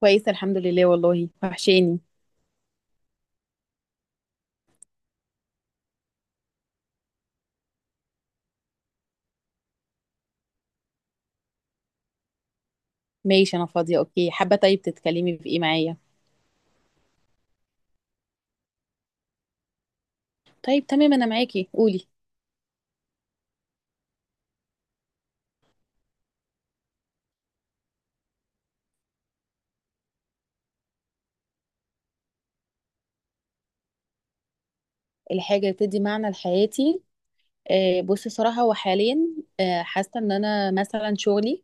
كويسة، الحمد لله، والله وحشاني. ماشي، أنا فاضية، أوكي، حابة. طيب، تتكلمي في إيه معايا؟ طيب تمام، أنا معاكي قولي. الحاجة اللي بتدي معنى لحياتي. بصي صراحة وحاليا، حاسة إن أنا مثلا شغلي،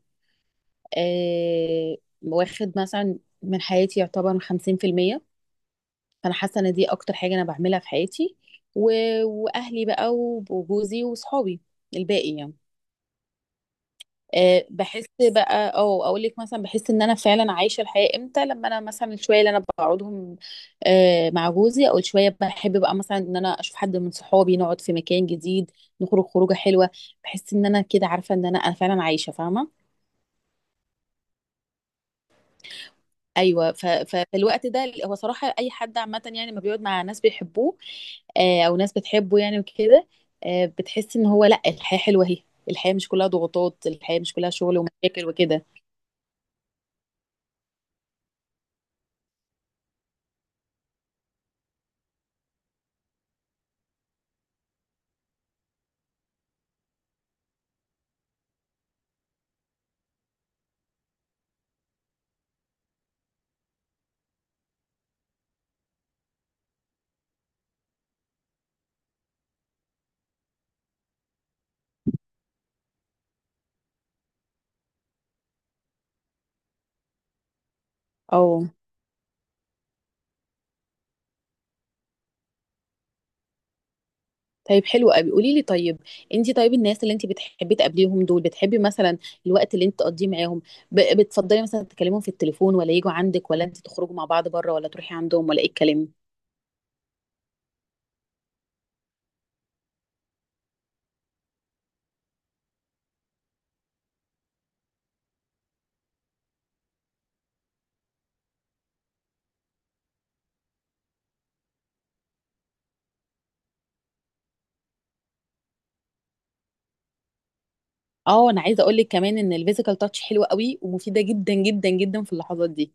آه واخد مثلا من حياتي يعتبر 50%. فأنا حاسة إن دي أكتر حاجة أنا بعملها في حياتي. و... وأهلي بقى وجوزي وصحابي الباقي، يعني. بحس بقى او اقول لك مثلا بحس ان انا فعلا عايشه الحياه امتى لما انا مثلا الشويه اللي انا بقعدهم، مع جوزي او الشويه بحب بقى مثلا ان انا اشوف حد من صحابي، نقعد في مكان جديد، نخرج خروجه حلوه. بحس ان انا كده عارفه ان انا فعلا عايشه فاهمه. ايوه، فالوقت ده هو صراحه اي حد عامه، يعني ما بيقعد مع ناس بيحبوه، او ناس بتحبه يعني وكده، بتحس ان هو لا، الحياه حلوه اهي. الحياه مش كلها ضغوطات، الحياه مش كلها شغل ومشاكل وكده. اه. طيب، حلو قوي، قولي لي طيب، انت طيب الناس اللي انت بتحبي تقابليهم دول، بتحبي مثلا الوقت اللي انت تقضيه معاهم بتفضلي مثلا تكلمهم في التليفون ولا يجوا عندك ولا انت تخرجوا مع بعض بره ولا تروحي عندهم ولا ايه الكلام؟ اه انا عايزه اقول لك كمان ان الفيزيكال تاتش حلوه قوي ومفيده جدا جدا جدا في اللحظات دي.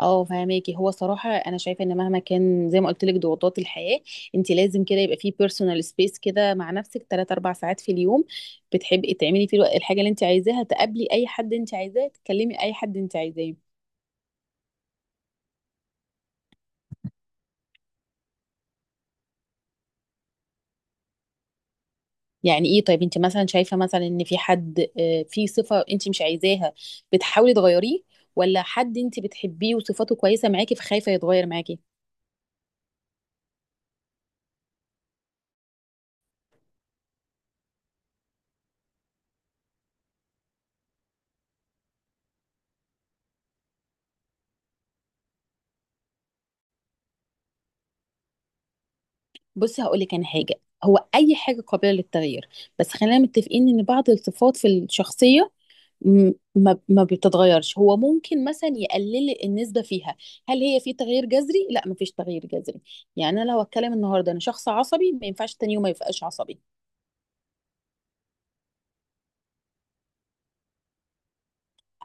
اه فهماكي، هو صراحة أنا شايفة إن مهما كان زي ما قلت لك ضغوطات الحياة، أنت لازم كده يبقى فيه بيرسونال سبيس كده مع نفسك 3 4 ساعات في اليوم بتحبي تعملي فيه الحاجة اللي أنت عايزاها، تقابلي أي حد أنت عايزاه، تكلمي أي حد أنت عايزاه. يعني إيه؟ طيب، أنت مثلا شايفة مثلا إن في حد في صفة أنت مش عايزاها بتحاولي تغيريه، ولا حد أنت بتحبيه وصفاته كويسة معاكي فخايفة يتغير معاكي؟ بصي هقول لك أنا حاجة، هو أي حاجة قابلة للتغيير، بس خلينا متفقين إن بعض الصفات في الشخصية ما بتتغيرش. هو ممكن مثلا يقلل النسبة فيها. هل هي في تغيير جذري؟ لا، ما فيش تغيير جذري. يعني انا لو اتكلم النهارده انا شخص عصبي، ما ينفعش تاني يوم ما يبقاش عصبي.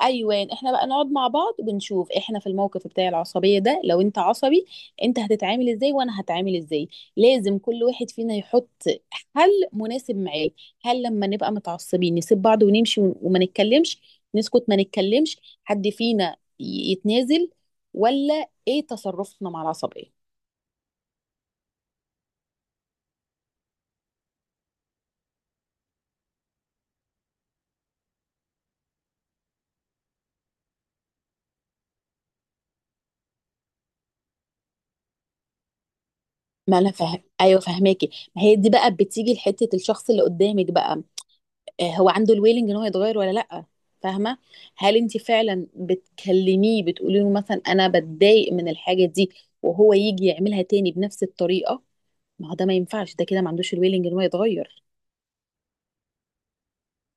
ايوه، احنا بقى نقعد مع بعض ونشوف احنا في الموقف بتاع العصبيه ده، لو انت عصبي انت هتتعامل ازاي وانا هتعامل ازاي. لازم كل واحد فينا يحط حل مناسب معاه. هل لما نبقى متعصبين نسيب بعض ونمشي وما نتكلمش، نسكت ما نتكلمش، حد فينا يتنازل، ولا ايه تصرفنا مع العصبيه؟ ما انا فاهم، ايوه فاهماكي. ما هي دي بقى بتيجي لحته الشخص اللي قدامك بقى، هو عنده الويلنج ان هو يتغير ولا لا. فاهمه. هل انت فعلا بتكلميه بتقولي له مثلا انا بتضايق من الحاجه دي، وهو يجي يعملها تاني بنفس الطريقه؟ ما هو ده ما ينفعش، ده كده ما عندوش الويلنج ان هو يتغير.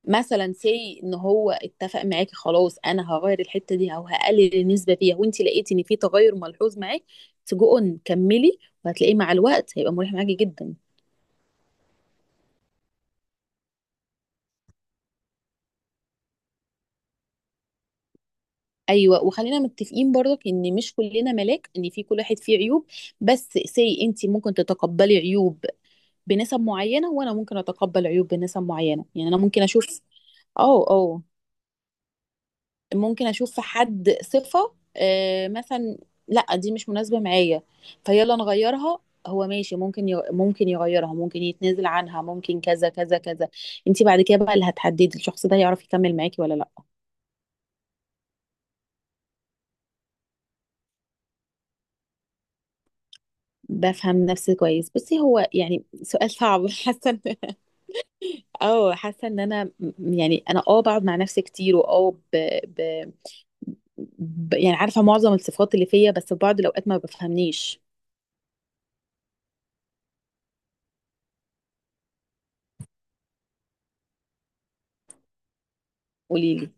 مثلا سي ان هو اتفق معاكي، خلاص انا هغير الحته دي او هقلل النسبه فيها، وانت لقيتي ان في تغير ملحوظ معاك، تجو اون كملي، وهتلاقيه مع الوقت هيبقى مريح معاكي جدا. ايوه، وخلينا متفقين برضك ان مش كلنا ملاك، ان في كل واحد فيه عيوب، بس سي انت ممكن تتقبلي عيوب بنسب معينه وانا ممكن اتقبل عيوب بنسب معينه. يعني انا ممكن اشوف. اه اه. ممكن اشوف في حد صفه مثلا، لا دي مش مناسبه معايا، فيلا نغيرها. هو ماشي، ممكن ممكن يغيرها، ممكن يتنازل عنها، ممكن كذا كذا كذا. انت بعد كده بقى اللي هتحددي الشخص ده يعرف يكمل معاكي ولا لا. بفهم نفسي كويس. بصي، هو يعني سؤال صعب حاسه. اه حاسه ان يعني انا بقعد مع نفسي كتير واه ب... ب... ب... يعني عارفه معظم الصفات اللي فيا، بس في بعض الاوقات ما بفهمنيش. قولي لي.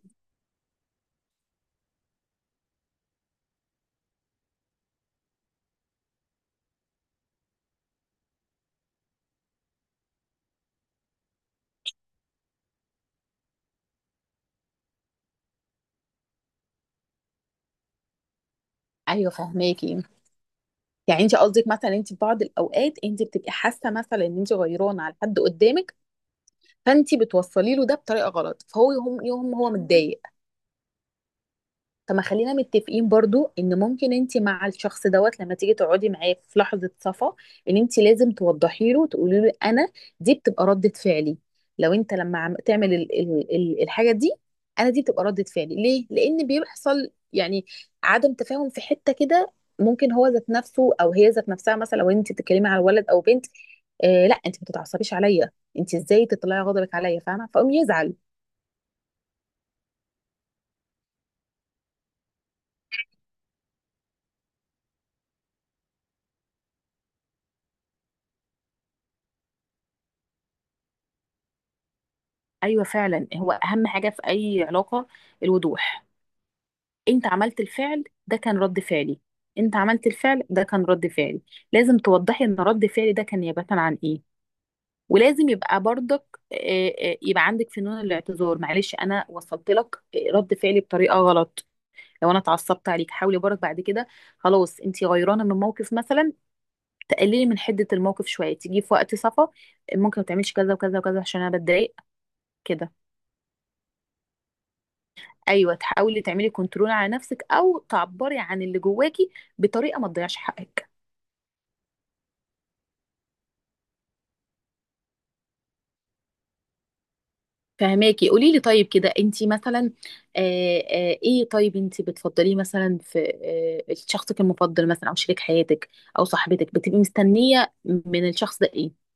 ايوه فهماكي. يعني انت قصدك مثلا انت في بعض الاوقات انت بتبقي حاسه مثلا ان انت غيرانه على حد قدامك، فانت بتوصلي له ده بطريقه غلط، فهو يوم يوم هو متضايق. طب ما خلينا متفقين برضو ان ممكن انت مع الشخص دوت، لما تيجي تقعدي معاه في لحظة صفا، ان انت لازم توضحي له وتقولي له انا دي بتبقى ردة فعلي، لو انت لما عم تعمل ال ال ال الحاجة دي، انا دي بتبقى ردة فعلي ليه؟ لان بيحصل يعني عدم تفاهم في حتة كده. ممكن هو ذات نفسه او هي ذات نفسها مثلا، لو انت بتتكلمي على ولد او بنت، آه لا انت ما تتعصبيش عليا، انت ازاي تطلعي غضبك عليا فاهمة؟ فقوم يزعل. ايوه فعلا، هو اهم حاجة في اي علاقة الوضوح. انت عملت الفعل ده كان رد فعلي، انت عملت الفعل ده كان رد فعلي. لازم توضحي ان رد فعلي ده كان نيابة عن ايه. ولازم يبقى برضك آه، يبقى عندك فنون الاعتذار. معلش انا وصلت لك رد فعلي بطريقة غلط، لو انا اتعصبت عليك حاولي برضك بعد كده. خلاص انت غيرانه من موقف مثلا، تقللي من حده الموقف شويه، تيجي في وقت صفا، ممكن ما تعمليش كذا وكذا وكذا عشان انا بتضايق كده. ايوه، تحاولي تعملي كنترول على نفسك، او تعبري عن اللي جواكي بطريقه ما تضيعش حقك. فهماكي، قولي لي طيب، كده انت مثلا ايه، طيب انت بتفضليه مثلا في شخصك المفضل مثلا او شريك حياتك او صاحبتك، بتبقي مستنيه من الشخص ده ايه؟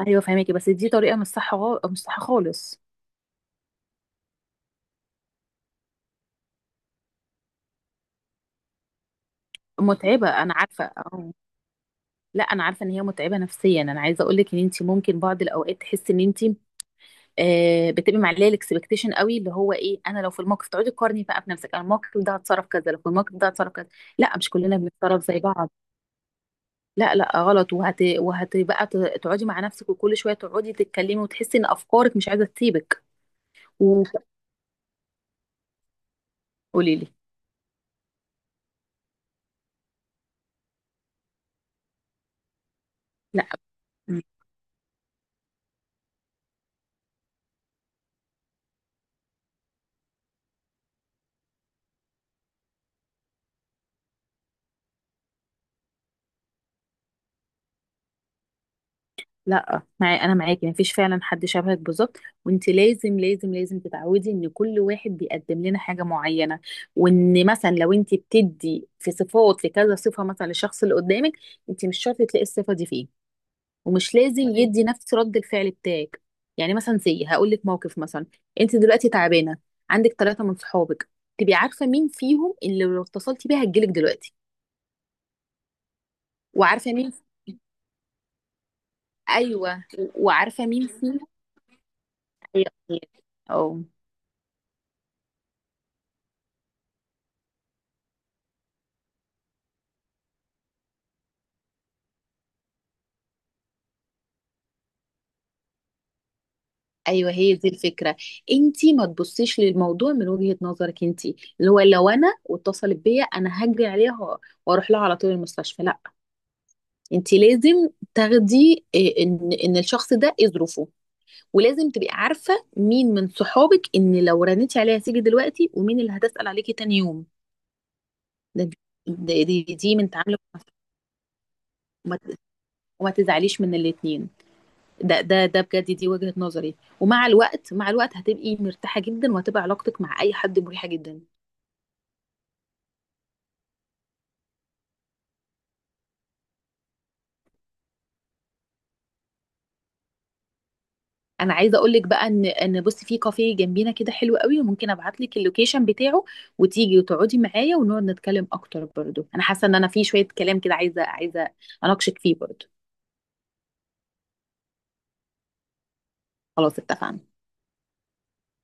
ايوه فهماكي، بس دي طريقه مش صح، مش صح خالص. متعبه، انا عارفه، اه. لا انا عارفه ان هي متعبه نفسيا. انا عايزه اقول لك ان انت ممكن بعض الاوقات تحسي ان انت بتبقي معليه الاكسبكتيشن قوي، اللي هو ايه، انا لو في الموقف تقعدي تقارني بقى بنفسك، انا الموقف ده هتصرف كذا، لو في الموقف ده هتصرف كذا. لا، مش كلنا بنتصرف زي بعض، لا لا غلط. تقعدي مع نفسك، وكل شويه تقعدي تتكلمي وتحسي ان افكارك مش عايزه تسيبك، وقولي لي. لا، معي، انا معاكي مفيش فعلا حد شبهك بالظبط. وانت لازم لازم لازم تتعودي ان كل واحد بيقدم لنا حاجه معينه، وان مثلا لو انت بتدي في صفات في كذا صفه مثلا للشخص اللي قدامك، انت مش شرط تلاقي الصفه دي فيه، ومش لازم يدي نفس رد الفعل بتاعك. يعني مثلا زي هقول لك موقف مثلا، انت دلوقتي تعبانه، عندك 3 من صحابك، تبقي عارفه مين فيهم اللي لو اتصلتي بيها هتجيلك دلوقتي. وعارفه مين. ايوه. وعارفه مين فيهم. أيوة. اه. ايوه هي دي الفكره، انت ما تبصيش للموضوع من وجهه نظرك انت، اللي هو لو انا واتصلت بيا انا هجري عليها واروح لها على طول المستشفى، لا. انت لازم تاخدي إيه، ان الشخص ده ايه ظروفه، ولازم تبقي عارفة مين من صحابك ان لو رنيتي عليها هتيجي دلوقتي، ومين اللي هتسأل عليكي تاني يوم. ده دي من تعاملك مع صحابك. وما ت- وما تزعليش من الاتنين. ده بجد دي وجهة نظري، ومع الوقت مع الوقت هتبقي مرتاحة جدا، وهتبقى علاقتك مع اي حد مريحة جدا. انا عايزه اقول لك بقى ان بصي في كافيه جنبينا كده حلو قوي، وممكن ابعت لك اللوكيشن بتاعه، وتيجي وتقعدي معايا ونقعد نتكلم اكتر برضو. انا حاسه ان انا في شويه كلام كده عايزه اناقشك فيه برضو. خلاص اتفقنا.